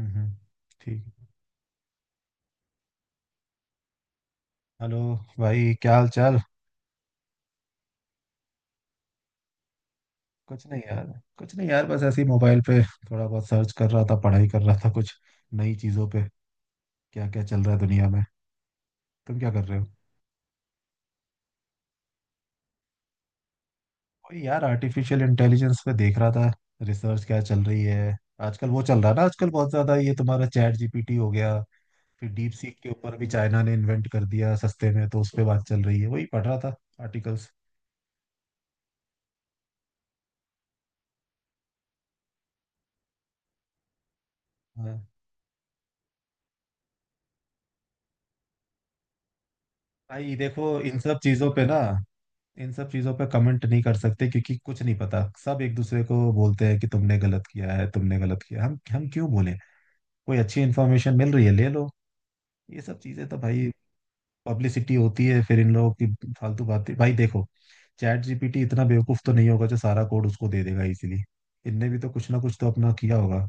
हम्म, ठीक। हेलो। भाई, क्या हाल चाल। कुछ नहीं यार कुछ नहीं यार, बस ऐसे ही मोबाइल पे थोड़ा बहुत सर्च कर रहा था, पढ़ाई कर रहा था कुछ नई चीज़ों पे। क्या क्या चल रहा है दुनिया में। तुम क्या कर रहे हो। वही यार, आर्टिफिशियल इंटेलिजेंस पे देख रहा था रिसर्च क्या चल रही है आजकल। वो चल रहा है ना आजकल बहुत ज़्यादा, ये तुम्हारा चैट जीपीटी हो गया। फिर डीप सीक के ऊपर भी चाइना ने इन्वेंट कर दिया सस्ते में, तो उस पर बात चल रही है, वही पढ़ रहा था आर्टिकल्स। हाँ। भाई देखो, इन सब चीजों पे कमेंट नहीं कर सकते क्योंकि कुछ नहीं पता। सब एक दूसरे को बोलते हैं कि तुमने गलत किया है, तुमने गलत किया है। हम क्यों बोले। कोई अच्छी इन्फॉर्मेशन मिल रही है ले लो। ये सब चीजें तो भाई पब्लिसिटी होती है फिर इन लोगों की। फालतू बातें भाई देखो। चैट जीपीटी इतना बेवकूफ तो नहीं होगा जो सारा कोड उसको दे देगा, इसीलिए इनने भी तो कुछ ना कुछ तो अपना किया होगा।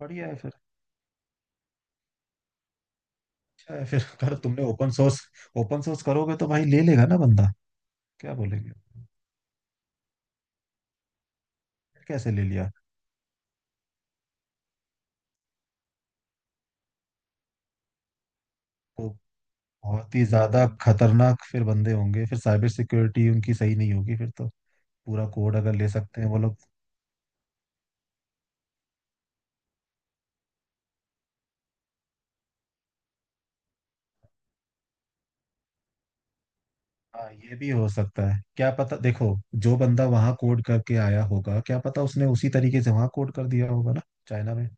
बढ़िया है फिर। अच्छा है फिर। अगर तुमने ओपन सोर्स करोगे तो भाई ले लेगा ना बंदा। क्या बोलेंगे, कैसे ले लिया। तो बहुत ही ज्यादा खतरनाक फिर बंदे होंगे, फिर साइबर सिक्योरिटी उनकी सही नहीं होगी फिर तो, पूरा कोड अगर ले सकते हैं वो लोग। हाँ, ये भी हो सकता है, क्या पता। देखो, जो बंदा वहां कोड करके आया होगा, क्या पता उसने उसी तरीके से वहां कोड कर दिया होगा ना चाइना में।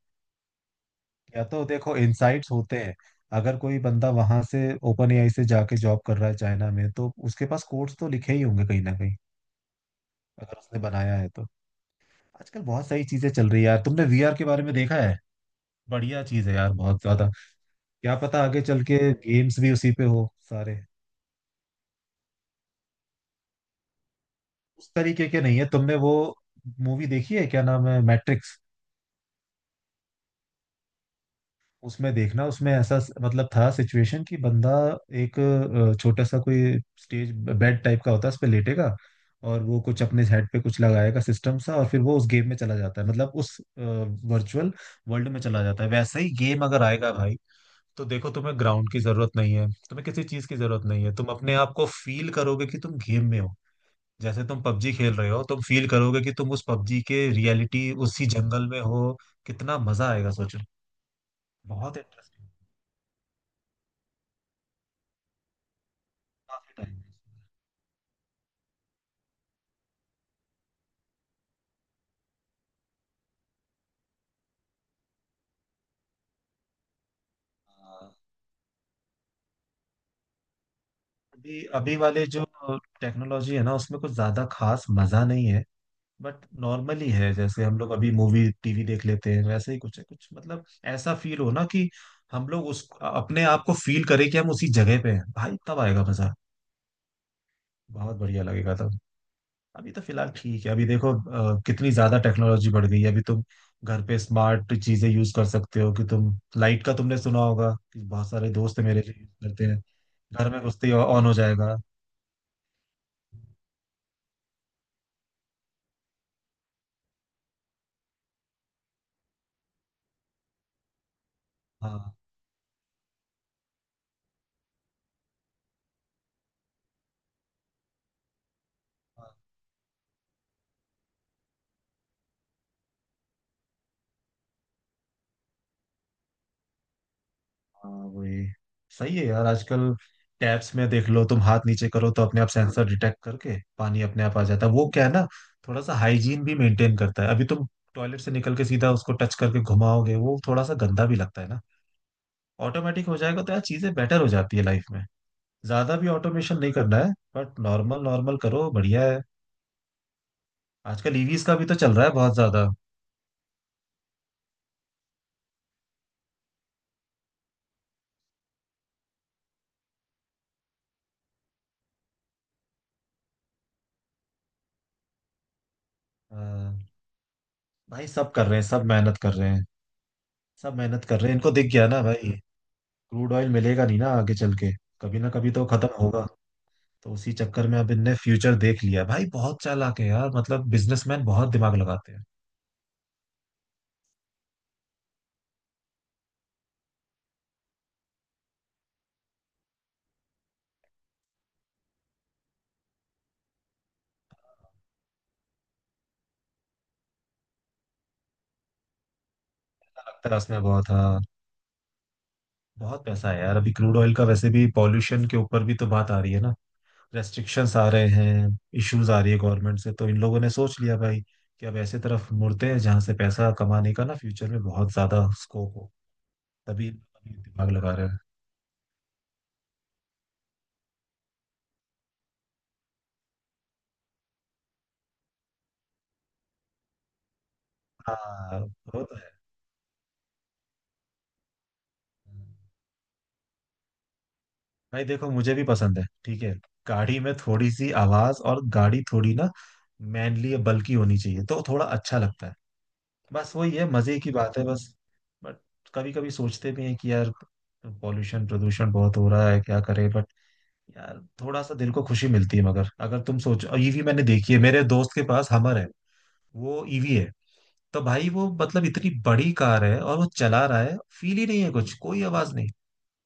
या तो देखो, इनसाइट्स होते हैं। अगर कोई बंदा वहां से ओपन एआई से जाके जॉब कर रहा है चाइना में, तो उसके पास कोड्स तो लिखे ही होंगे कहीं ना कहीं, अगर उसने बनाया है तो। आजकल बहुत सारी चीजें चल रही है यार। तुमने वीआर के बारे में देखा है? बढ़िया चीज है यार, बहुत ज्यादा। क्या पता आगे चल के गेम्स भी उसी पे हो सारे। उस तरीके के नहीं है। तुमने वो मूवी देखी है, क्या नाम है, मैट्रिक्स? उसमें देखना, उसमें ऐसा मतलब था सिचुएशन कि बंदा एक छोटा सा कोई स्टेज, बेड टाइप का होता है, उस पे लेटेगा। और वो कुछ अपने हेड पे कुछ लगाएगा सिस्टम सा, और फिर वो उस गेम में चला जाता है, मतलब उस वर्चुअल वर्ल्ड में चला जाता है। वैसे ही गेम अगर आएगा भाई, तो देखो, तुम्हें ग्राउंड की जरूरत नहीं है, तुम्हें किसी चीज की जरूरत नहीं है, तुम अपने आप को फील करोगे कि तुम गेम में हो। जैसे तुम पबजी खेल रहे हो, तुम फील करोगे कि तुम उस पबजी के रियलिटी उसी जंगल में हो। कितना मजा आएगा सोचो। बहुत इंटरेस्टिंग। काफी टाइम। अभी अभी वाले जो टेक्नोलॉजी है ना, उसमें कुछ ज्यादा खास मजा नहीं है। बट नॉर्मली है, जैसे हम लोग अभी मूवी टीवी देख लेते हैं वैसे ही कुछ है, कुछ मतलब। ऐसा फील हो ना कि हम लोग उस अपने आप को फील करें कि हम उसी जगह पे हैं भाई, तब आएगा मजा। बहुत बढ़िया लगेगा तब। अभी तो फिलहाल ठीक है। अभी देखो कितनी ज्यादा टेक्नोलॉजी बढ़ गई है। अभी तुम घर पे स्मार्ट चीजें यूज कर सकते हो कि तुम लाइट का तुमने सुना होगा कि बहुत सारे दोस्त है मेरे जो यूज करते हैं, घर में घुसते ही ऑन हो जाएगा। हाँ हाँ, वही सही है यार। आजकल टैब्स में देख लो, तुम हाथ नीचे करो तो अपने आप सेंसर डिटेक्ट करके पानी अपने आप आ जाता है, वो क्या है ना। थोड़ा सा हाइजीन भी मेंटेन करता है। अभी तुम टॉयलेट से निकल के सीधा उसको टच करके घुमाओगे, वो थोड़ा सा गंदा भी लगता है ना। ऑटोमेटिक हो जाएगा तो यार चीजें बेटर हो जाती है लाइफ में। ज्यादा भी ऑटोमेशन नहीं करना है। बट नॉर्मल नॉर्मल करो बढ़िया है। आजकल ईवीज का भी तो चल रहा है बहुत ज्यादा। अ, भाई सब कर रहे हैं, सब मेहनत कर रहे हैं। इनको दिख गया ना भाई। क्रूड ऑयल मिलेगा नहीं ना आगे चल के, कभी ना कभी तो खत्म होगा। तो उसी चक्कर में अब इनने फ्यूचर देख लिया भाई, बहुत चालाक है यार, मतलब बिजनेसमैन बहुत दिमाग लगाते हैं। अच्छा लगता है उसमें बहुत, हाँ। बहुत पैसा है यार अभी क्रूड ऑयल का। वैसे भी पॉल्यूशन के ऊपर भी तो बात आ रही है ना, रेस्ट्रिक्शंस आ रहे हैं। इश्यूज आ रही है गवर्नमेंट से, तो इन लोगों ने सोच लिया भाई कि अब ऐसे तरफ मुड़ते हैं जहां से पैसा कमाने का ना फ्यूचर में बहुत ज्यादा स्कोप हो, तभी अभी दिमाग लगा रहे हैं। हाँ, वो तो है। भाई देखो, मुझे भी पसंद है ठीक है, गाड़ी में थोड़ी सी आवाज और गाड़ी थोड़ी ना मैनली या बल्की होनी चाहिए तो थोड़ा अच्छा लगता है। बस वही है मजे की बात है बस। बट कभी कभी सोचते भी हैं कि यार पॉल्यूशन प्रदूषण बहुत हो रहा है, क्या करें। बट यार थोड़ा सा दिल को खुशी मिलती है। मगर अगर तुम सोचो, ईवी मैंने देखी है मेरे दोस्त के पास, हमर है, वो ईवी है। तो भाई वो मतलब इतनी बड़ी कार है, और वो चला रहा है फील ही नहीं है कुछ, कोई आवाज नहीं।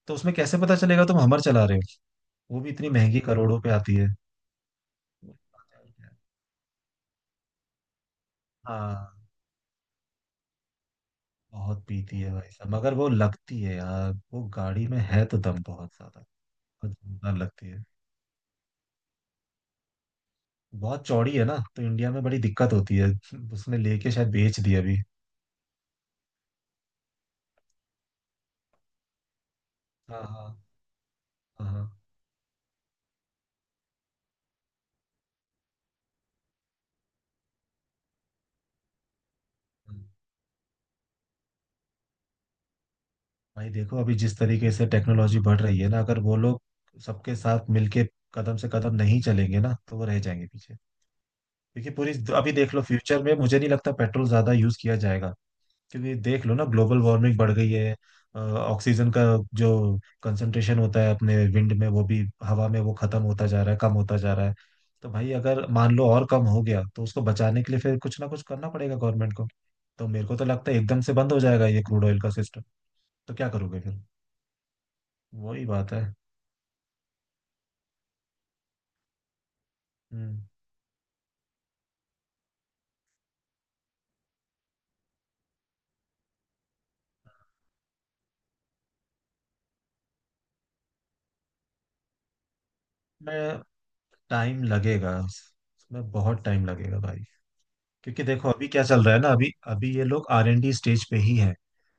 तो उसमें कैसे पता चलेगा तुम हमर चला रहे हो, वो भी इतनी महंगी, करोड़ों पे आती है। हाँ, बहुत पीती है भाई साहब। मगर वो लगती है यार, वो गाड़ी में है तो दम बहुत ज्यादा, बहुत जोरदार लगती है। बहुत चौड़ी है ना तो इंडिया में बड़ी दिक्कत होती है। उसने लेके शायद बेच दिया अभी। हाँ हाँ हाँ हाँ। हाँ। भाई देखो, अभी जिस तरीके से टेक्नोलॉजी बढ़ रही है ना, अगर वो लोग सबके साथ मिलके कदम से कदम नहीं चलेंगे ना, तो वो रह जाएंगे पीछे। क्योंकि पूरी अभी देख लो, फ्यूचर में मुझे नहीं लगता पेट्रोल ज्यादा यूज किया जाएगा। क्योंकि देख लो ना, ग्लोबल वार्मिंग बढ़ गई है। ऑक्सीजन का जो कंसंट्रेशन होता है अपने विंड में, वो भी हवा में वो खत्म होता जा रहा है, कम होता जा रहा है। तो भाई अगर मान लो और कम हो गया, तो उसको बचाने के लिए फिर कुछ ना कुछ करना पड़ेगा गवर्नमेंट को। तो मेरे को तो लगता है एकदम से बंद हो जाएगा ये क्रूड ऑयल का सिस्टम। तो क्या करोगे फिर, वही बात है। हम्म मैं टाइम लगेगा इसमें, बहुत टाइम लगेगा भाई। क्योंकि देखो अभी क्या चल रहा है ना, अभी अभी ये लोग आर एन डी स्टेज पे ही हैं।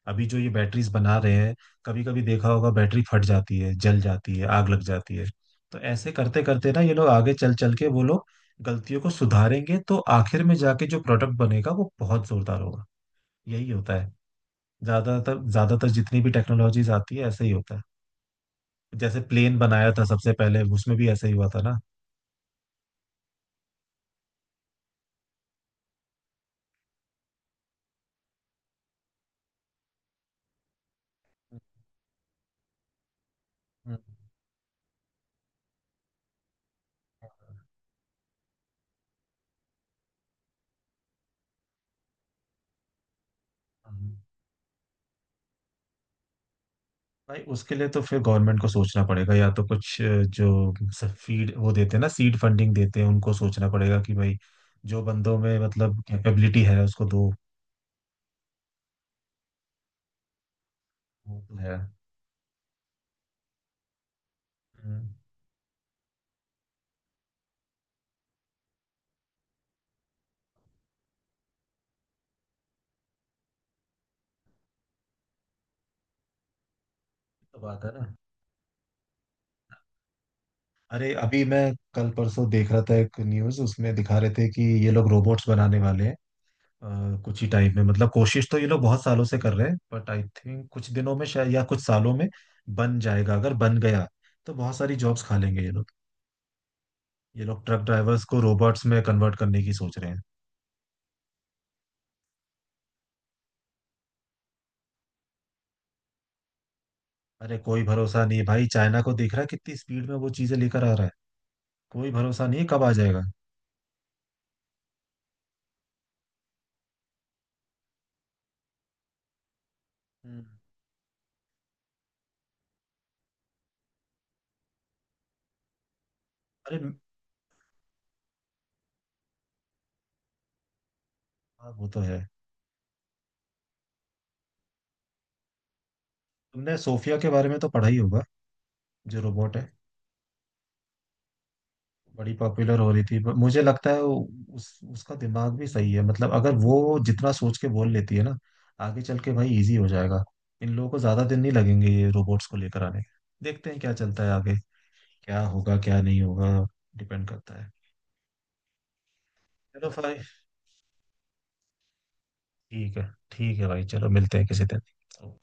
अभी जो ये बैटरीज बना रहे हैं, कभी कभी देखा होगा बैटरी फट जाती है, जल जाती है, आग लग जाती है। तो ऐसे करते करते ना ये लोग आगे चल चल के वो लोग गलतियों को सुधारेंगे, तो आखिर में जाके जो प्रोडक्ट बनेगा वो बहुत जोरदार होगा। यही होता है। ज्यादातर ज्यादातर जितनी भी टेक्नोलॉजीज आती है ऐसे ही होता है। जैसे प्लेन बनाया था सबसे पहले, उसमें भी ऐसे ही हुआ था ना। हम्म, हम्म। भाई उसके लिए तो फिर गवर्नमेंट को सोचना पड़ेगा, या तो कुछ जो फीड वो देते हैं ना सीड फंडिंग देते हैं, उनको सोचना पड़ेगा कि भाई जो बंदों में मतलब कैपेबिलिटी है उसको दो। वो तो है। हम्म, तो बात है ना। अरे, अभी मैं कल परसों देख रहा था एक न्यूज, उसमें दिखा रहे थे कि ये लोग रोबोट्स बनाने वाले हैं कुछ ही टाइम में, मतलब कोशिश तो ये लोग बहुत सालों से कर रहे हैं, बट आई थिंक कुछ दिनों में शायद या कुछ सालों में बन जाएगा। अगर बन गया, तो बहुत सारी जॉब्स खा लेंगे ये लोग। ये लोग ट्रक ड्राइवर्स को रोबोट्स में कन्वर्ट करने की सोच रहे हैं। अरे, कोई भरोसा नहीं है भाई, चाइना को दिख रहा है कितनी स्पीड में वो चीजें लेकर आ रहा है। कोई भरोसा नहीं है कब आ जाएगा। हम्म। अरे, हाँ वो तो है। तुमने सोफिया के बारे में तो पढ़ा ही होगा, जो रोबोट है। बड़ी पॉपुलर हो रही थी। पर मुझे लगता है वो- उस उसका दिमाग भी सही है, मतलब अगर वो जितना सोच के बोल लेती है ना, आगे चल के भाई इजी हो जाएगा। इन लोगों को ज्यादा दिन नहीं लगेंगे ये रोबोट्स को लेकर आने। देखते हैं क्या चलता है आगे, क्या होगा क्या नहीं होगा, डिपेंड करता है। चलो भाई, ठीक है। ठीक है भाई, चलो मिलते हैं किसी दिन।